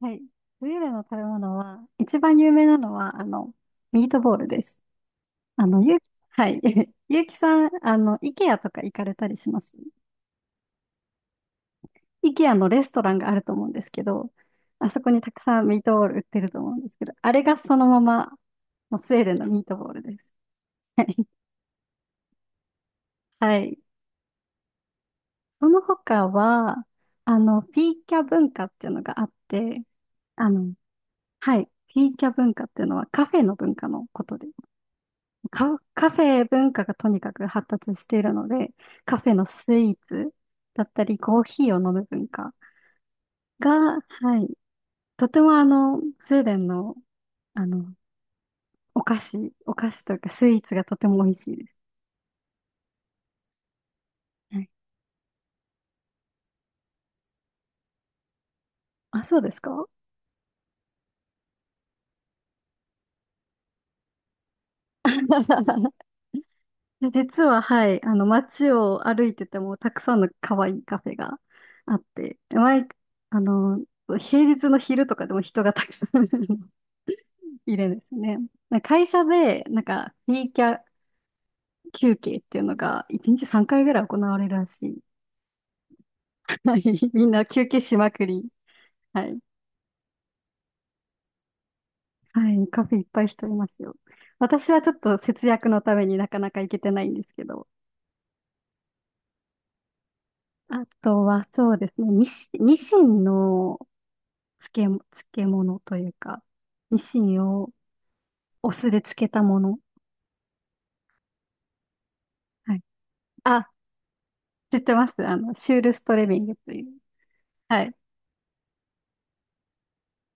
はい。それらの食べ物は、一番有名なのは、ミートボールです。あの、ゆう、はい。ゆうきさん、イケアとか行かれたりします？イケアのレストランがあると思うんですけど、あそこにたくさんミートボール売ってると思うんですけど、あれがそのまま、もうスウェーデンのミートボールです。はい。はい。その他は、フィーキャ文化っていうのがあって、あの、はい。フィーキャ文化っていうのはカフェの文化のことで、カフェ文化がとにかく発達しているので、カフェのスイーツだったり、コーヒーを飲む文化が、はい、とてもスウェーデンの、あの、お菓子、お菓子というかスイーツがとても美味しいです。はい。あ、そうですか？ 実は、はい、街を歩いてても、たくさんの可愛いカフェがあって、あの、平日の昼とかでも人がたくさん いるんですね。会社で、なんか、フリーキャ、休憩っていうのが1日3回ぐらい行われるらしい。はい。みんな休憩しまくり。はい。はい。カフェいっぱい人いますよ。私はちょっと節約のためになかなか行けてないんですけど。あとはそうですね。ニシンの漬け、漬物というか、ニシンをお酢で漬けたもの。はい。あ、知ってます、あの、シュールストレミングという。はい。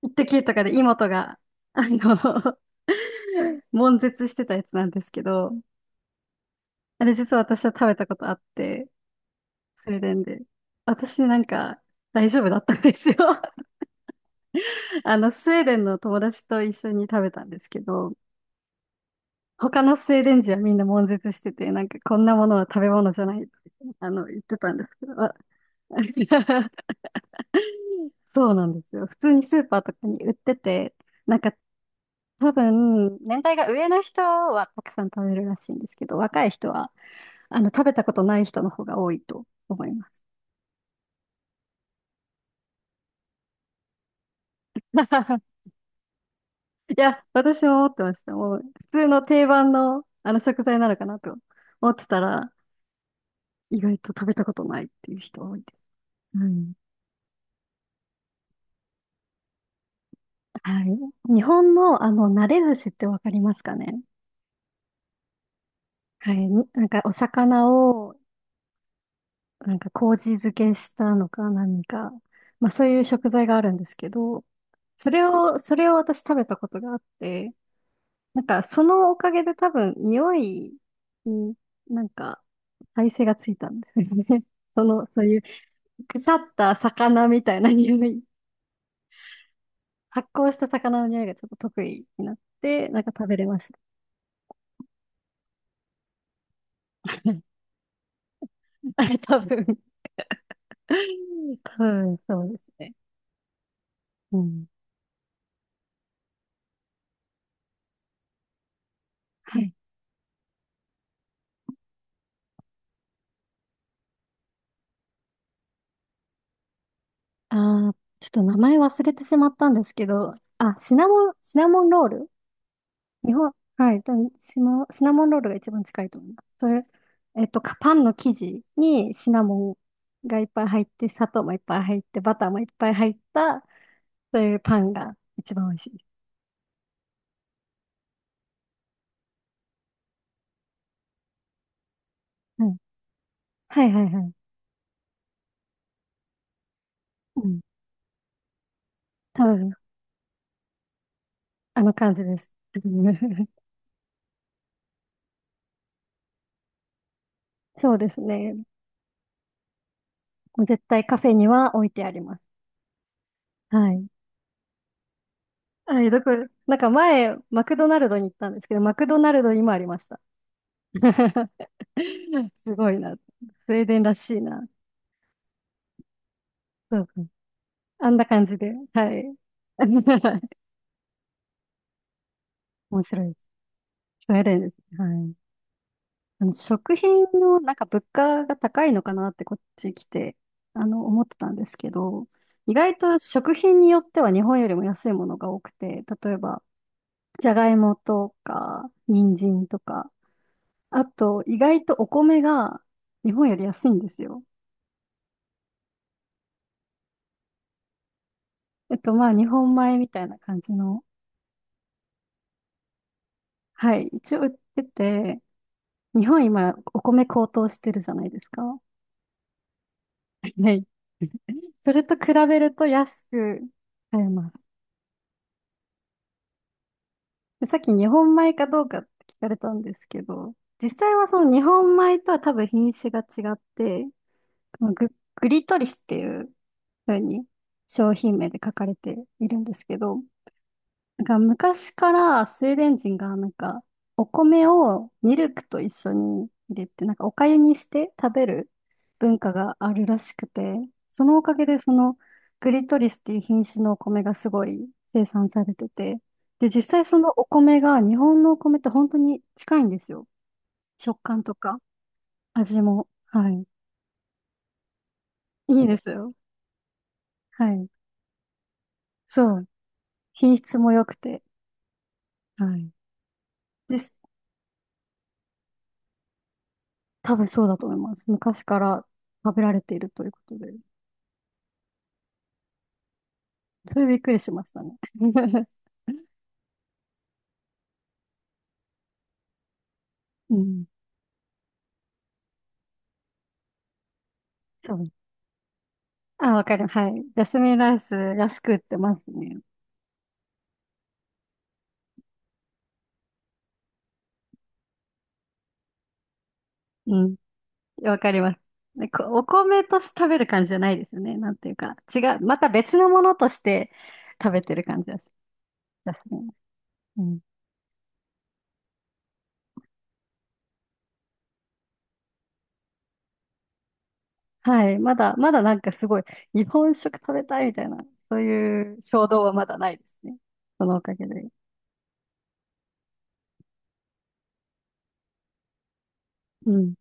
一ッとかで妹が、あの、悶絶してたやつなんですけど、あれ実は私は食べたことあって、スウェーデンで。私なんか大丈夫だったんですよ。あの、スウェーデンの友達と一緒に食べたんですけど、他のスウェーデン人はみんな悶絶してて、なんかこんなものは食べ物じゃないって、言ってたんですけど、あ。 そうなんですよ。普通にスーパーとかに売ってて、なんか多分、年代が上の人はたくさん食べるらしいんですけど、若い人は、食べたことない人の方が多いと思います。いや、私も思ってました。もう、普通の定番の、あの食材なのかなと思ってたら、意外と食べたことないっていう人多いです。うん。はい。日本の、あの、慣れ寿司ってわかりますかね？はい。になんか、お魚を、なんか、麹漬けしたのか何か。まあ、そういう食材があるんですけど、それを私食べたことがあって、なんか、そのおかげで多分、匂いに、なんか、耐性がついたんですよね。その、そういう腐った魚みたいな匂い。発酵した魚の匂いがちょっと得意になって、なんか食べれました。多分、多分そうですね。うん。はい。ああ、ちょっと名前忘れてしまったんですけど、あ、シナモンロール。日本、はい、多分シナモンロールが一番近いと思います。それ、えっと、かパンの生地にシナモンがいっぱい入って、砂糖もいっぱい入って、バターもいっぱい入った、そういうパンが一番美味しいです。うん。はいはいはい。うん。多分、あの感じです。そうですね。もう絶対カフェには置いてあります。はい。はい、どこ、なんか前、マクドナルドに行ったんですけど、マクドナルドにもありました。すごいな。スウェーデンらしいな。そうそう。あんな感じで。はい。面白いです。スウェーデンです。はい。あの食品のなんか物価が高いのかなってこっち来て、あの思ってたんですけど、意外と食品によっては日本よりも安いものが多くて、例えばじゃがいもとか人参とか、あと意外とお米が日本より安いんですよ。えっと、まあ日本米みたいな感じの、はい、一応売ってて、日本今お米高騰してるじゃないですか。はい。それと比べると安く買えます。でさっき日本米かどうかって聞かれたんですけど、実際はその日本米とは多分品種が違って、このグ、グリトリスっていう風に商品名で書かれているんですけど、なんか昔からスウェーデン人がなんかお米をミルクと一緒に入れてなんかお粥にして食べる文化があるらしくて、そのおかげでそのグリトリスっていう品種のお米がすごい生産されてて、で実際そのお米が日本のお米と本当に近いんですよ。食感とか味も。はい。いいですよ。はい。そう。品質も良くて。はい。実多分そうだと思います。昔から食べられているということで。それびっくりしましたね。うん。そう。あ、わかります。はい。ジャスミンライス安く売ってますね。うん。わかります。でこお米として食べる感じじゃないですよね。なんていうか。違う。また別のものとして食べてる感じだし。ジャスミン。うん。はい。まだなんかすごい、日本食食べたいみたいな、そういう衝動はまだないですね。そのおかげで。うん。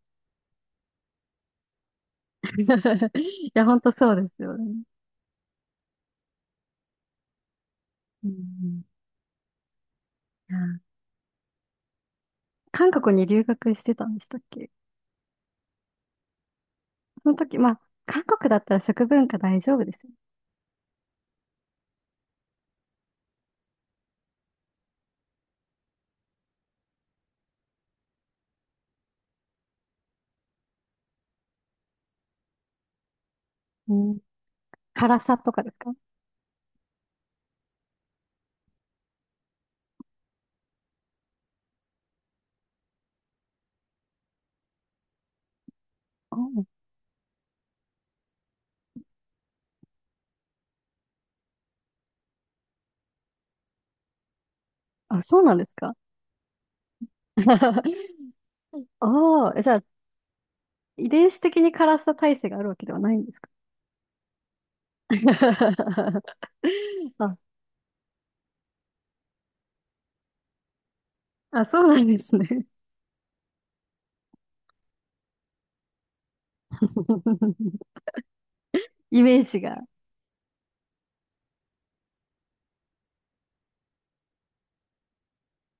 いや、本当そうですよね。うん。うん。あ、韓国に留学してたんでしたっけ？その時、まあ、韓国だったら食文化大丈夫ですよ。うん。辛さとかですか？お。う。あ、そうなんですか？ おー、じゃあ、遺伝子的に辛さ耐性があるわけではないんですか？ あ。あ、そうなんですね。イメージが。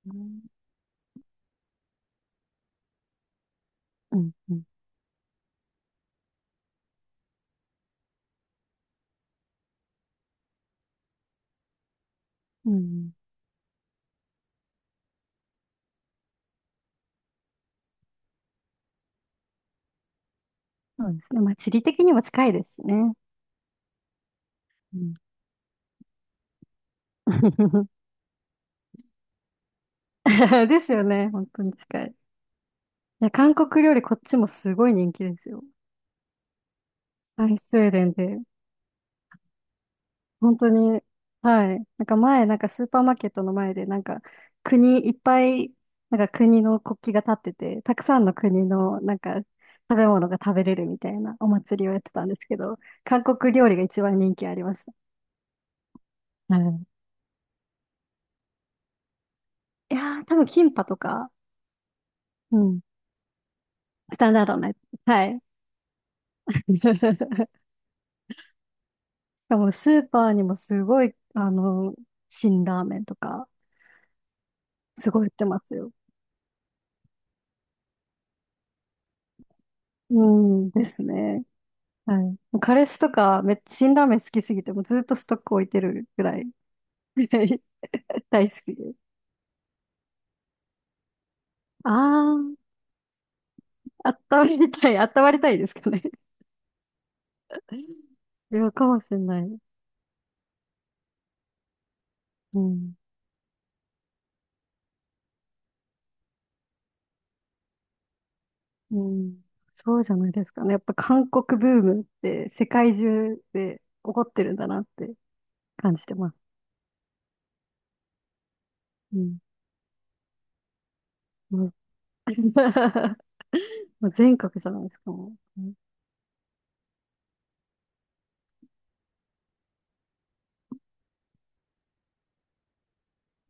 うん。うん。うん。うん。そうですね。まあ、地理的にも近いですしね。うん。 ですよね。本当に近い。いや、韓国料理こっちもすごい人気ですよ。はい、スウェーデンで、本当に、はい、なんか前、なんかスーパーマーケットの前で、なんか国いっぱい、なんか国の国旗が立ってて、たくさんの国の、なんか食べ物が食べれるみたいなお祭りをやってたんですけど、韓国料理が一番人気ありました。はい、いやー、多分キンパとか、うん、スタンダードなやつ。はい。しかもスーパーにもすごい、あの、辛ラーメンとか、すごい売ってますよ。うん、ですね。はい。彼氏とか、めっちゃ辛ラーメン好きすぎて、もうずっとストック置いてるぐらい。 大好きで。ああ、温まりたい、温まりたいですかね。いや、かもしれない。うん。うん。そうじゃないですかね。やっぱ韓国ブームって世界中で起こってるんだなって感じてます。うん。もうん。 もう全国じゃないですか、もう。う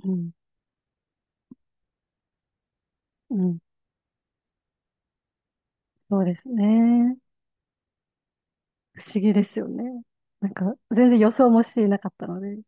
ん。うん。そうですね。不思議ですよね。なんか、全然予想もしていなかったので。うん